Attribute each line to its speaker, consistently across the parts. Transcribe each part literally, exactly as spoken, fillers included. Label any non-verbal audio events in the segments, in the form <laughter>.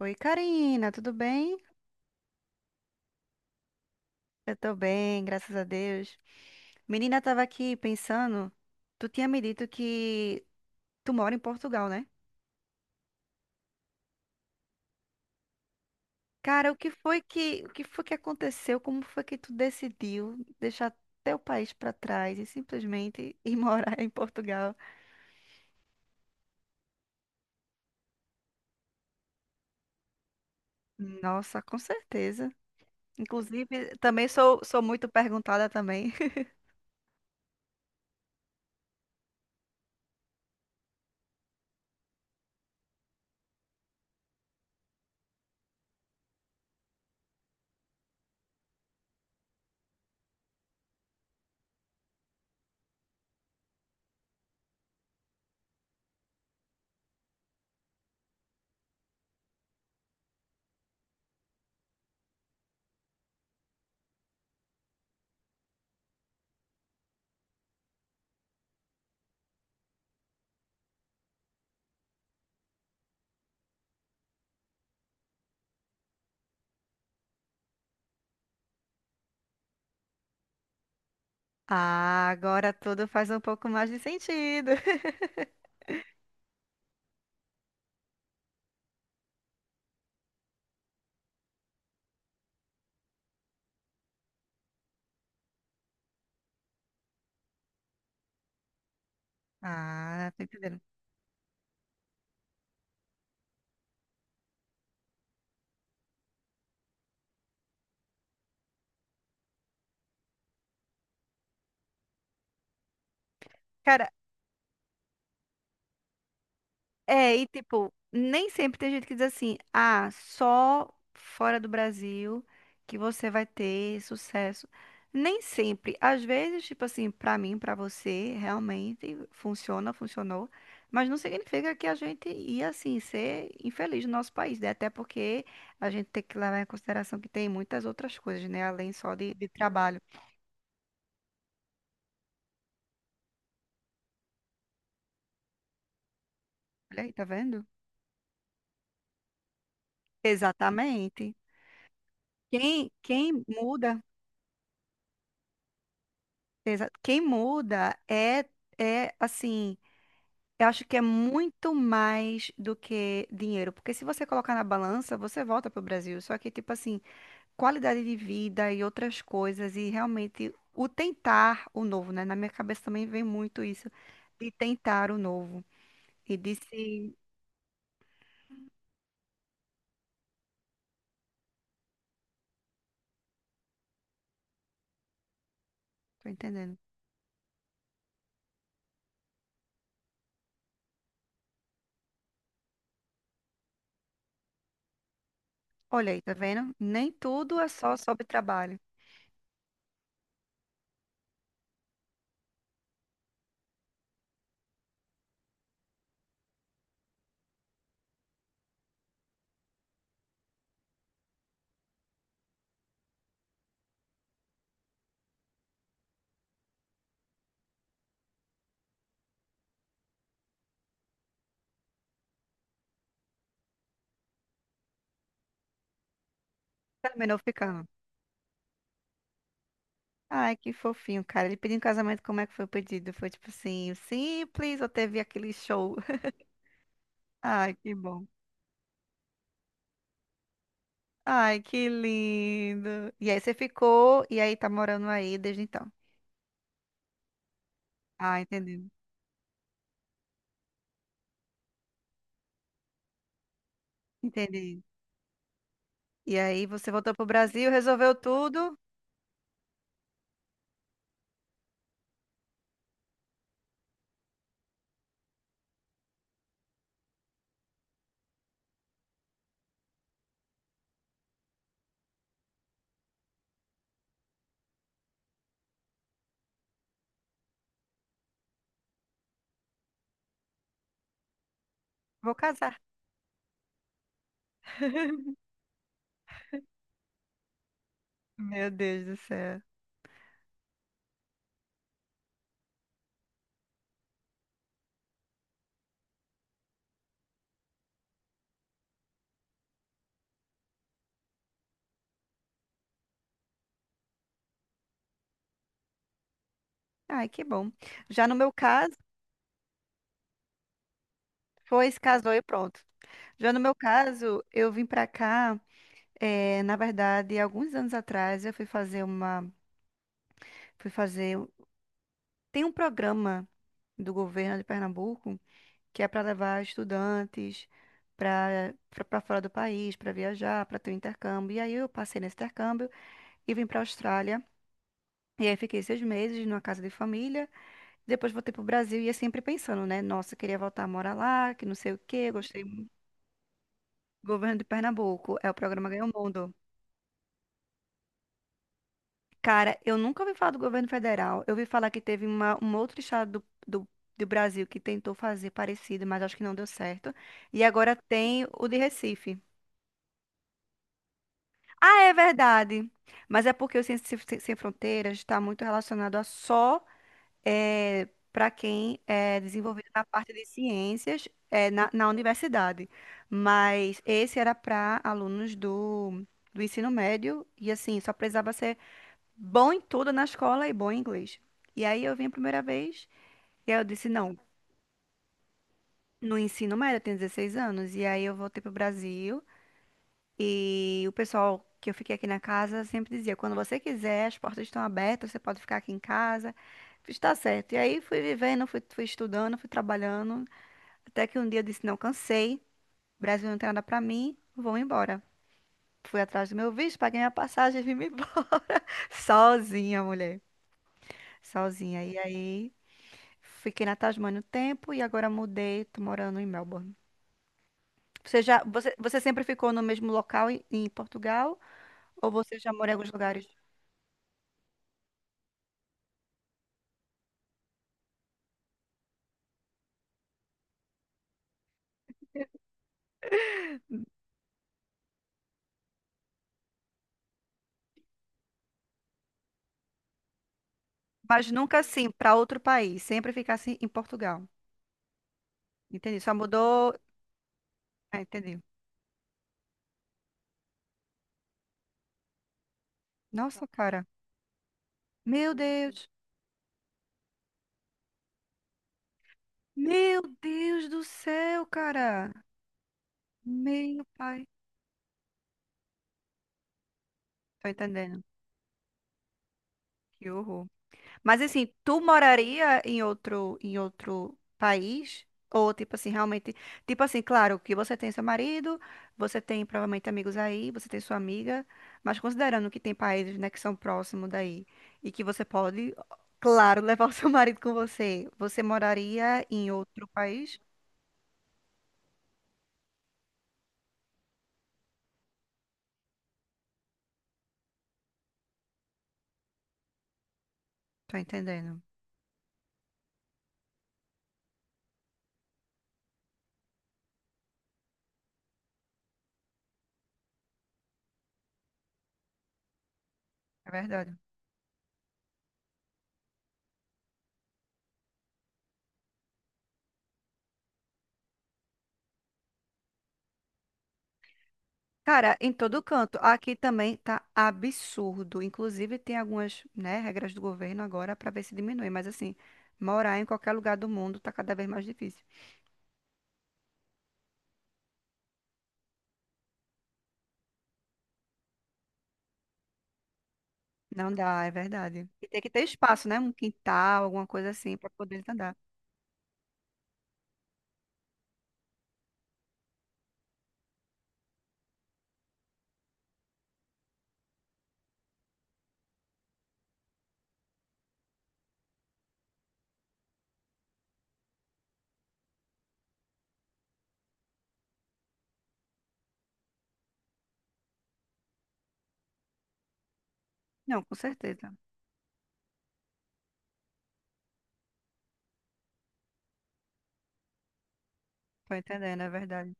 Speaker 1: Oi, Karina, tudo bem? Eu tô bem, graças a Deus. Menina, tava aqui pensando, tu tinha me dito que tu mora em Portugal, né? Cara, o que foi que, o que foi que aconteceu? Como foi que tu decidiu deixar teu país pra trás e simplesmente ir <laughs> morar em Portugal? Nossa, com certeza. Inclusive, também sou, sou muito perguntada também. <laughs> Ah, agora tudo faz um pouco mais de sentido. <laughs> Ah, tô entendendo. É, e tipo, nem sempre tem gente que diz assim, ah, só fora do Brasil que você vai ter sucesso. Nem sempre. Às vezes, tipo assim, pra mim, pra você, realmente funciona, funcionou. Mas não significa que a gente ia, assim, ser infeliz no nosso país, né? Até porque a gente tem que levar em consideração que tem muitas outras coisas, né? Além só de, de trabalho. Olha aí, tá vendo? Exatamente. Quem, quem muda. Exa- Quem muda é, é assim, eu acho que é muito mais do que dinheiro, porque se você colocar na balança, você volta pro Brasil. Só que, tipo assim, qualidade de vida e outras coisas, e realmente o tentar o novo, né? Na minha cabeça também vem muito isso, de tentar o novo. E de se. Tô entendendo. Olha aí, tá vendo? Nem tudo é só sobre trabalho. Terminou ficando. Ai, que fofinho, cara. Ele pediu em casamento, como é que foi o pedido? Foi tipo assim, simples ou teve aquele show? <laughs> Ai, que bom. Ai, que lindo. E aí você ficou e aí tá morando aí desde então. Ah, entendi. Entendi. E aí você voltou pro Brasil, resolveu tudo, vou casar. <laughs> Meu Deus do céu. Ai, que bom. Já no meu caso, foi, se casou e pronto. Já no meu caso, eu vim pra cá, eh, na verdade, alguns anos atrás, eu fui fazer uma, fui fazer Tem um programa do governo de Pernambuco que é para levar estudantes para para fora do país, para viajar, para ter um intercâmbio. E aí eu passei nesse intercâmbio e vim para a Austrália. E aí fiquei seis meses numa casa de família. Depois voltei para o Brasil e ia sempre pensando, né? Nossa, queria voltar a morar lá, que não sei o quê, gostei muito. Governo de Pernambuco, é o programa Ganha o Mundo. Cara, eu nunca ouvi falar do governo federal. Eu ouvi falar que teve uma, um outro estado do, do, do Brasil que tentou fazer parecido, mas acho que não deu certo. E agora tem o de Recife. Ah, é verdade. Mas é porque o Ciências Sem Sem Sem Fronteiras está muito relacionado a só para quem é desenvolvido na parte de ciências eh, na, na universidade. Mas esse era para alunos do, do ensino médio e assim, só precisava ser bom em tudo na escola e bom em inglês. E aí eu vim a primeira vez, e aí eu disse, não, no ensino médio eu tenho dezesseis anos, e aí eu voltei pro Brasil, e o pessoal que eu fiquei aqui na casa sempre dizia, quando você quiser, as portas estão abertas, você pode ficar aqui em casa, está certo. E aí fui vivendo, fui, fui estudando, fui trabalhando, até que um dia eu disse, não, cansei, Brasil não tem nada pra mim, vou embora. Fui atrás do meu visto, paguei minha passagem e vim me embora, <laughs> sozinha, mulher, sozinha. E aí... Fiquei na Tasmânia um tempo e agora mudei, tô morando em Melbourne. Você já, você, você sempre ficou no mesmo local em, em Portugal ou você já morou em alguns lugares? Mas nunca assim, para outro país, sempre ficasse em Portugal. Entendi, só mudou, é, entendi. Nossa, cara. Meu Deus. Meu Deus do céu, cara. Meu pai. Tô entendendo. Que horror. Mas assim, tu moraria em outro em outro país? Ou tipo assim, realmente, tipo assim, claro que você tem seu marido, você tem provavelmente amigos aí, você tem sua amiga, mas considerando que tem países, né, que são próximos daí e que você pode, claro, <laughs> levar o seu marido com você, você moraria em outro país? Tô entendendo. É verdade. Cara, em todo canto. Aqui também tá absurdo. Inclusive, tem algumas, né, regras do governo agora para ver se diminui. Mas assim, morar em qualquer lugar do mundo tá cada vez mais difícil. Não dá, é verdade. E tem que ter espaço, né? Um quintal, alguma coisa assim, para poder andar. Não, com certeza. Tô entendendo, é verdade.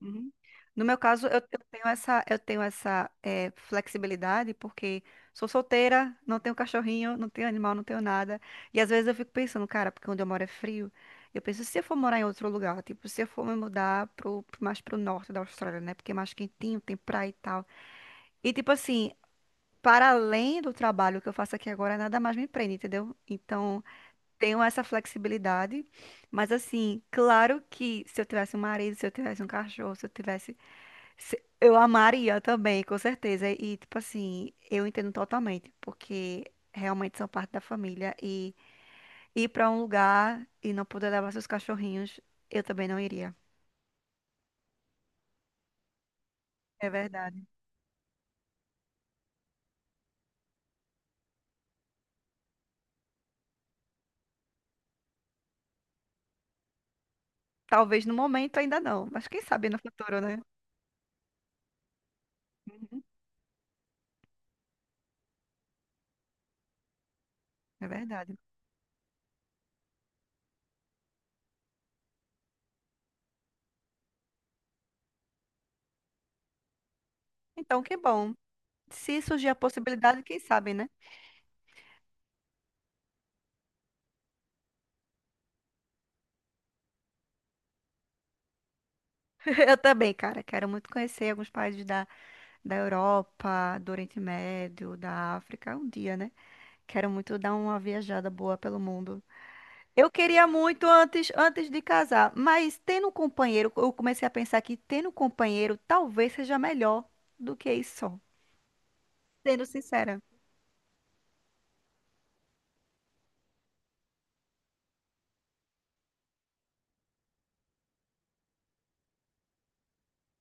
Speaker 1: Uhum. No meu caso, eu, eu tenho essa, eu tenho essa eh, flexibilidade porque sou solteira, não tenho cachorrinho, não tenho animal, não tenho nada. E às vezes eu fico pensando, cara, porque onde eu moro é frio. Eu penso, se eu for morar em outro lugar, tipo, se eu for me mudar pro, pro- mais pro norte da Austrália, né? Porque é mais quentinho, tem praia e tal. E tipo assim, para além do trabalho que eu faço aqui agora, nada mais me prende, entendeu? Então, tenho essa flexibilidade. Mas assim, claro que se eu tivesse um marido, se eu tivesse um cachorro, se eu tivesse se- Eu amaria também, com certeza. E, tipo assim, eu entendo totalmente, porque realmente são parte da família. E ir pra um lugar e não poder levar seus cachorrinhos, eu também não iria. É verdade. Talvez no momento ainda não, mas quem sabe no futuro, né? Uhum, é verdade. Então, que bom. Se surgir a possibilidade, quem sabe, né? <laughs> Eu também, cara, quero muito conhecer alguns países da, da Europa, do Oriente Médio, da África, um dia, né? Quero muito dar uma viajada boa pelo mundo. Eu queria muito antes, antes de casar, mas tendo um companheiro, eu comecei a pensar que tendo um companheiro talvez seja melhor do que isso só. Sendo sincera.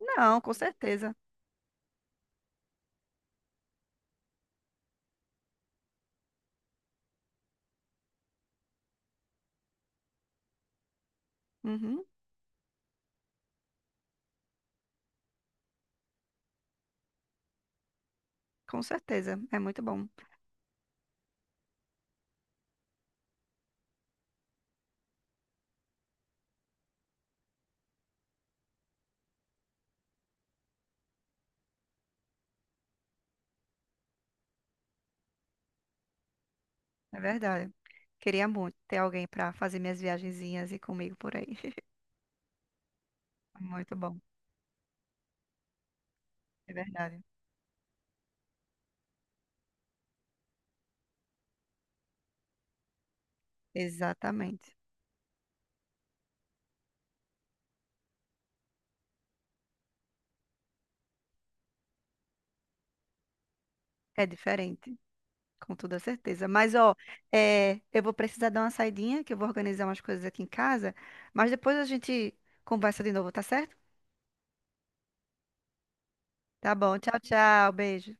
Speaker 1: Não, com certeza. Uhum, com certeza. É muito bom. É verdade. Queria muito ter alguém para fazer minhas viagenzinhas e comigo por aí. <laughs> Muito bom. É verdade. Exatamente. É diferente, com toda certeza. Mas, ó, é, eu vou precisar dar uma saidinha, que eu vou organizar umas coisas aqui em casa, mas depois a gente conversa de novo, tá certo? Tá bom, tchau, tchau, beijo.